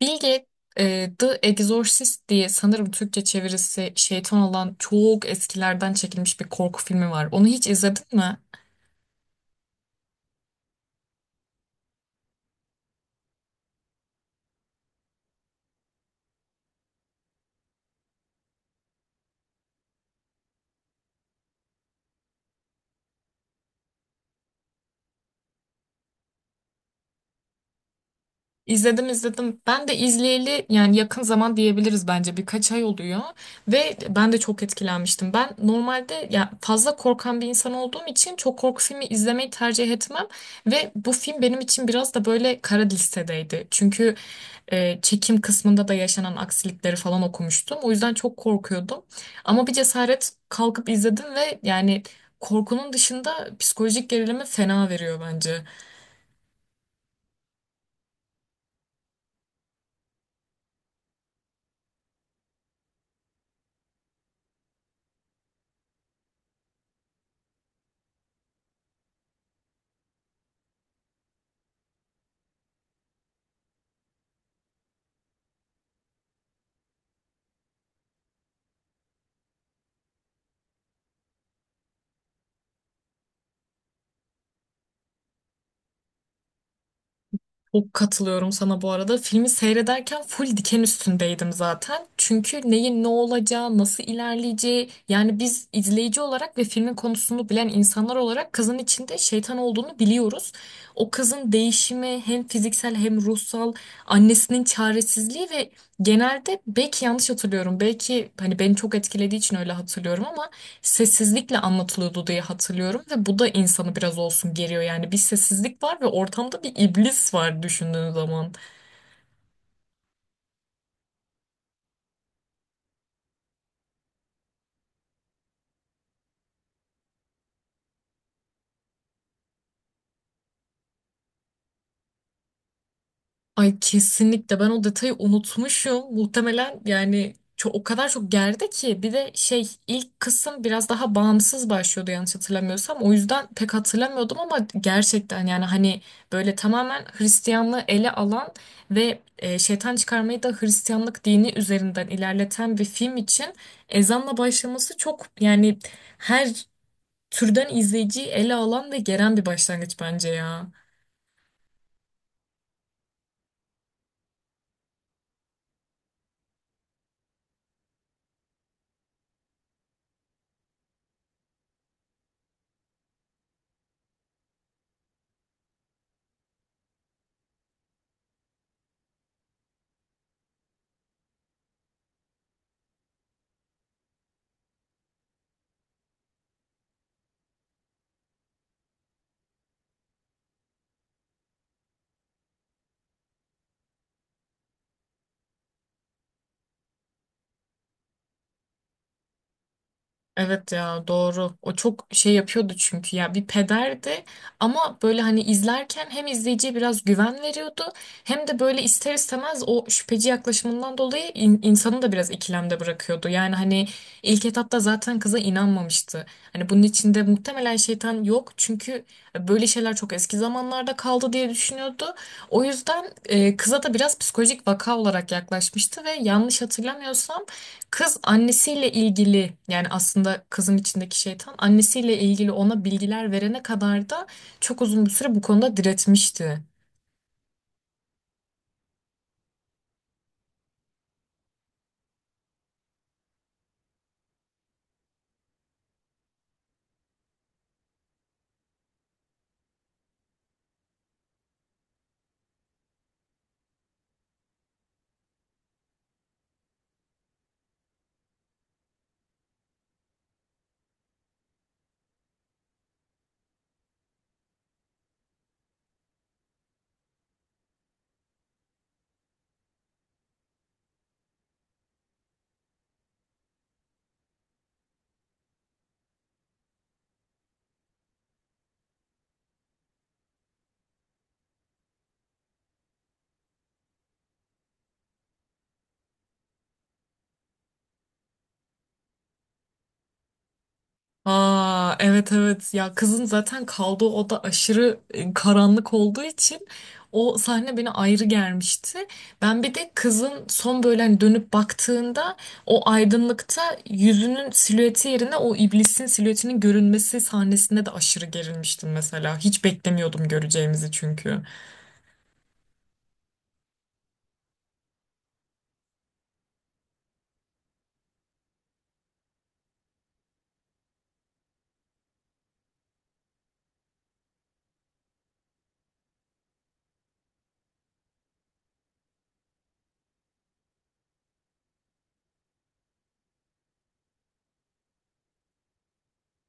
Bilge, The Exorcist diye sanırım Türkçe çevirisi şeytan olan çok eskilerden çekilmiş bir korku filmi var. Onu hiç izledin mi? İzledim. Ben de izleyeli yani yakın zaman diyebiliriz, bence birkaç ay oluyor ve ben de çok etkilenmiştim. Ben normalde ya fazla korkan bir insan olduğum için çok korku filmi izlemeyi tercih etmem ve bu film benim için biraz da böyle kara listedeydi. Çünkü çekim kısmında da yaşanan aksilikleri falan okumuştum. O yüzden çok korkuyordum. Ama bir cesaret kalkıp izledim ve yani korkunun dışında psikolojik gerilimi fena veriyor bence. Çok katılıyorum sana bu arada. Filmi seyrederken full diken üstündeydim zaten. Çünkü neyin ne olacağı, nasıl ilerleyeceği yani biz izleyici olarak ve filmin konusunu bilen insanlar olarak kızın içinde şeytan olduğunu biliyoruz. O kızın değişimi hem fiziksel hem ruhsal, annesinin çaresizliği ve genelde belki yanlış hatırlıyorum. Belki hani beni çok etkilediği için öyle hatırlıyorum ama sessizlikle anlatılıyordu diye hatırlıyorum ve bu da insanı biraz olsun geriyor yani bir sessizlik var ve ortamda bir iblis var düşündüğün zaman. Ay kesinlikle, ben o detayı unutmuşum. Muhtemelen yani çok, o kadar çok gerdi ki bir de şey ilk kısım biraz daha bağımsız başlıyordu yanlış hatırlamıyorsam. O yüzden pek hatırlamıyordum ama gerçekten yani hani böyle tamamen Hristiyanlığı ele alan ve şeytan çıkarmayı da Hristiyanlık dini üzerinden ilerleten bir film için ezanla başlaması çok yani her türden izleyiciyi ele alan ve geren bir başlangıç bence ya. Evet ya doğru. O çok şey yapıyordu çünkü ya bir pederdi ama böyle hani izlerken hem izleyiciye biraz güven veriyordu hem de böyle ister istemez o şüpheci yaklaşımından dolayı insanı da biraz ikilemde bırakıyordu. Yani hani ilk etapta zaten kıza inanmamıştı. Hani bunun içinde muhtemelen şeytan yok çünkü böyle şeyler çok eski zamanlarda kaldı diye düşünüyordu. O yüzden kıza da biraz psikolojik vaka olarak yaklaşmıştı ve yanlış hatırlamıyorsam kız annesiyle ilgili, yani aslında kızın içindeki şeytan annesiyle ilgili ona bilgiler verene kadar da çok uzun bir süre bu konuda diretmişti. Aa evet evet, ya kızın zaten kaldığı oda aşırı karanlık olduğu için o sahne beni ayrı gelmişti. Ben bir de kızın son böyle hani dönüp baktığında o aydınlıkta yüzünün silüeti yerine o iblisin silüetinin görünmesi sahnesinde de aşırı gerilmiştim mesela. Hiç beklemiyordum göreceğimizi çünkü.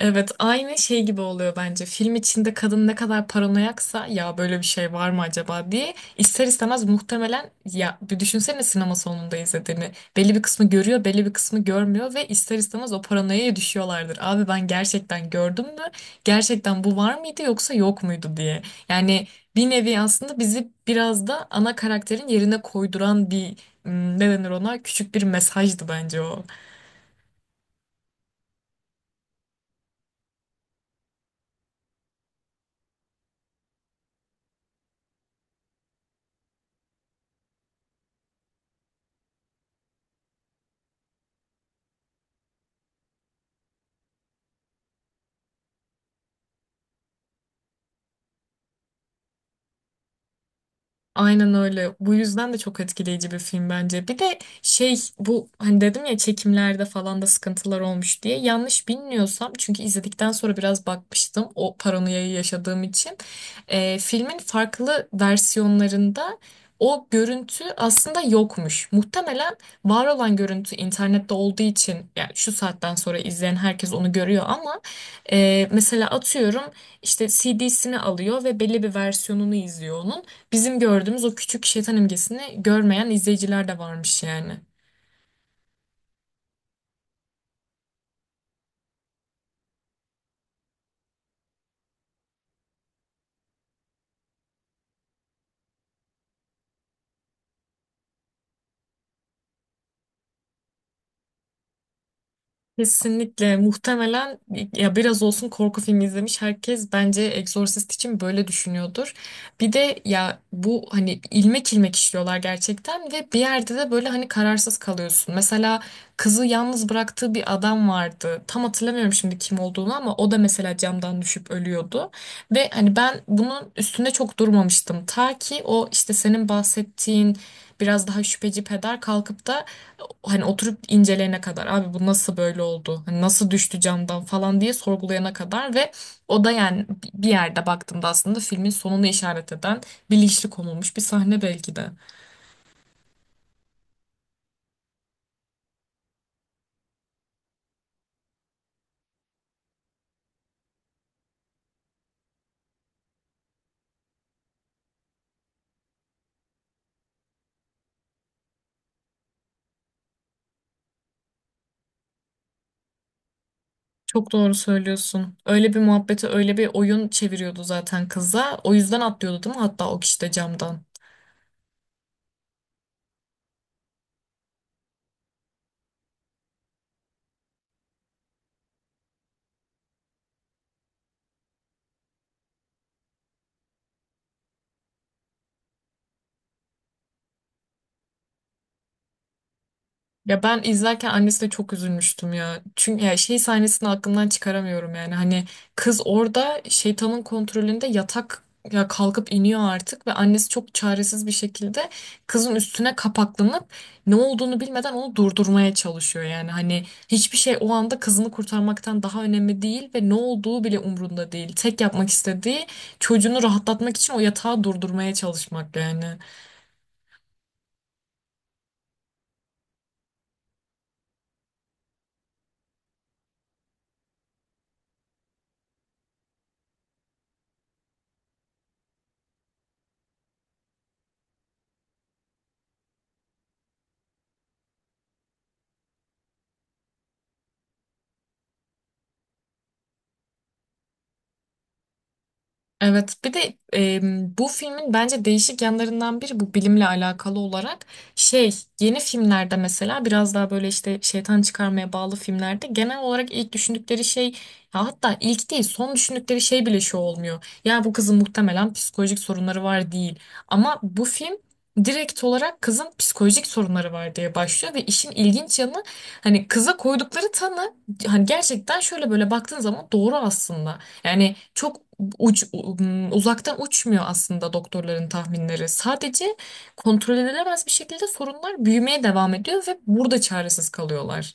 Evet aynı şey gibi oluyor bence. Film içinde kadın ne kadar paranoyaksa ya böyle bir şey var mı acaba diye ister istemez muhtemelen ya bir düşünsene sinema salonunda izlediğini. Belli bir kısmı görüyor, belli bir kısmı görmüyor ve ister istemez o paranoyaya düşüyorlardır. Abi ben gerçekten gördüm mü? Gerçekten bu var mıydı yoksa yok muydu diye. Yani bir nevi aslında bizi biraz da ana karakterin yerine koyduran bir, ne denir ona, küçük bir mesajdı bence o. Aynen öyle. Bu yüzden de çok etkileyici bir film bence. Bir de şey, bu hani dedim ya çekimlerde falan da sıkıntılar olmuş diye. Yanlış bilmiyorsam çünkü izledikten sonra biraz bakmıştım o paranoyayı yaşadığım için. Filmin farklı versiyonlarında o görüntü aslında yokmuş. Muhtemelen var olan görüntü internette olduğu için yani şu saatten sonra izleyen herkes onu görüyor ama mesela atıyorum işte CD'sini alıyor ve belli bir versiyonunu izliyor onun, bizim gördüğümüz o küçük şeytan imgesini görmeyen izleyiciler de varmış yani. Kesinlikle, muhtemelen ya biraz olsun korku filmi izlemiş herkes bence Exorcist için böyle düşünüyordur. Bir de ya bu hani ilmek ilmek işliyorlar gerçekten ve bir yerde de böyle hani kararsız kalıyorsun. Mesela kızı yalnız bıraktığı bir adam vardı. Tam hatırlamıyorum şimdi kim olduğunu ama o da mesela camdan düşüp ölüyordu. Ve hani ben bunun üstünde çok durmamıştım. Ta ki o işte senin bahsettiğin biraz daha şüpheci peder kalkıp da hani oturup inceleyene kadar, abi bu nasıl böyle oldu? Hani nasıl düştü camdan falan diye sorgulayana kadar. Ve o da yani bir yerde baktığımda aslında filmin sonunu işaret eden bilinçli konulmuş bir sahne belki de. Çok doğru söylüyorsun. Öyle bir muhabbeti, öyle bir oyun çeviriyordu zaten kıza. O yüzden atlıyordu değil mi? Hatta o kişi de camdan. Ya ben izlerken annesine çok üzülmüştüm ya. Çünkü ya şey sahnesini aklımdan çıkaramıyorum yani. Hani kız orada şeytanın kontrolünde yatak ya kalkıp iniyor artık ve annesi çok çaresiz bir şekilde kızın üstüne kapaklanıp ne olduğunu bilmeden onu durdurmaya çalışıyor yani. Hani hiçbir şey o anda kızını kurtarmaktan daha önemli değil ve ne olduğu bile umrunda değil. Tek yapmak istediği çocuğunu rahatlatmak için o yatağı durdurmaya çalışmak yani. Evet, bir de bu filmin bence değişik yanlarından biri bu, bilimle alakalı olarak şey, yeni filmlerde mesela biraz daha böyle işte şeytan çıkarmaya bağlı filmlerde genel olarak ilk düşündükleri şey, ya hatta ilk değil son düşündükleri şey bile şu olmuyor. Ya bu kızın muhtemelen psikolojik sorunları var değil, ama bu film direkt olarak kızın psikolojik sorunları var diye başlıyor ve işin ilginç yanı, hani kıza koydukları tanı hani gerçekten şöyle böyle baktığın zaman doğru aslında. Yani çok uzaktan uçmuyor aslında doktorların tahminleri. Sadece kontrol edilemez bir şekilde sorunlar büyümeye devam ediyor ve burada çaresiz kalıyorlar.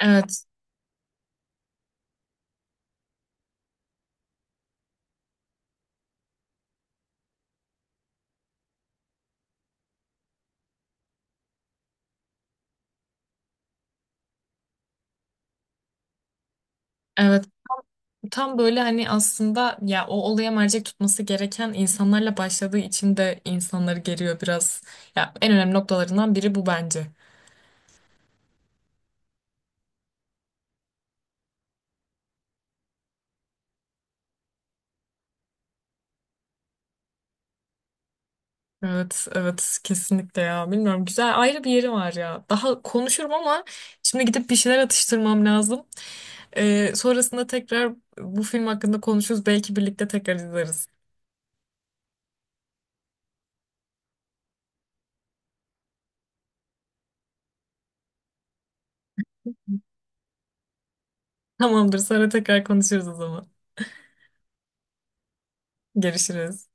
Evet, evet. Tam böyle hani aslında ya o olaya mercek tutması gereken insanlarla başladığı için de insanları geriyor biraz. Ya en önemli noktalarından biri bu bence. Evet, evet kesinlikle ya. Bilmiyorum, güzel ayrı bir yeri var ya. Daha konuşurum ama şimdi gidip bir şeyler atıştırmam lazım. Sonrasında tekrar bu film hakkında konuşuruz. Belki birlikte tekrar izleriz. Tamamdır, sonra tekrar konuşuruz o zaman. Görüşürüz.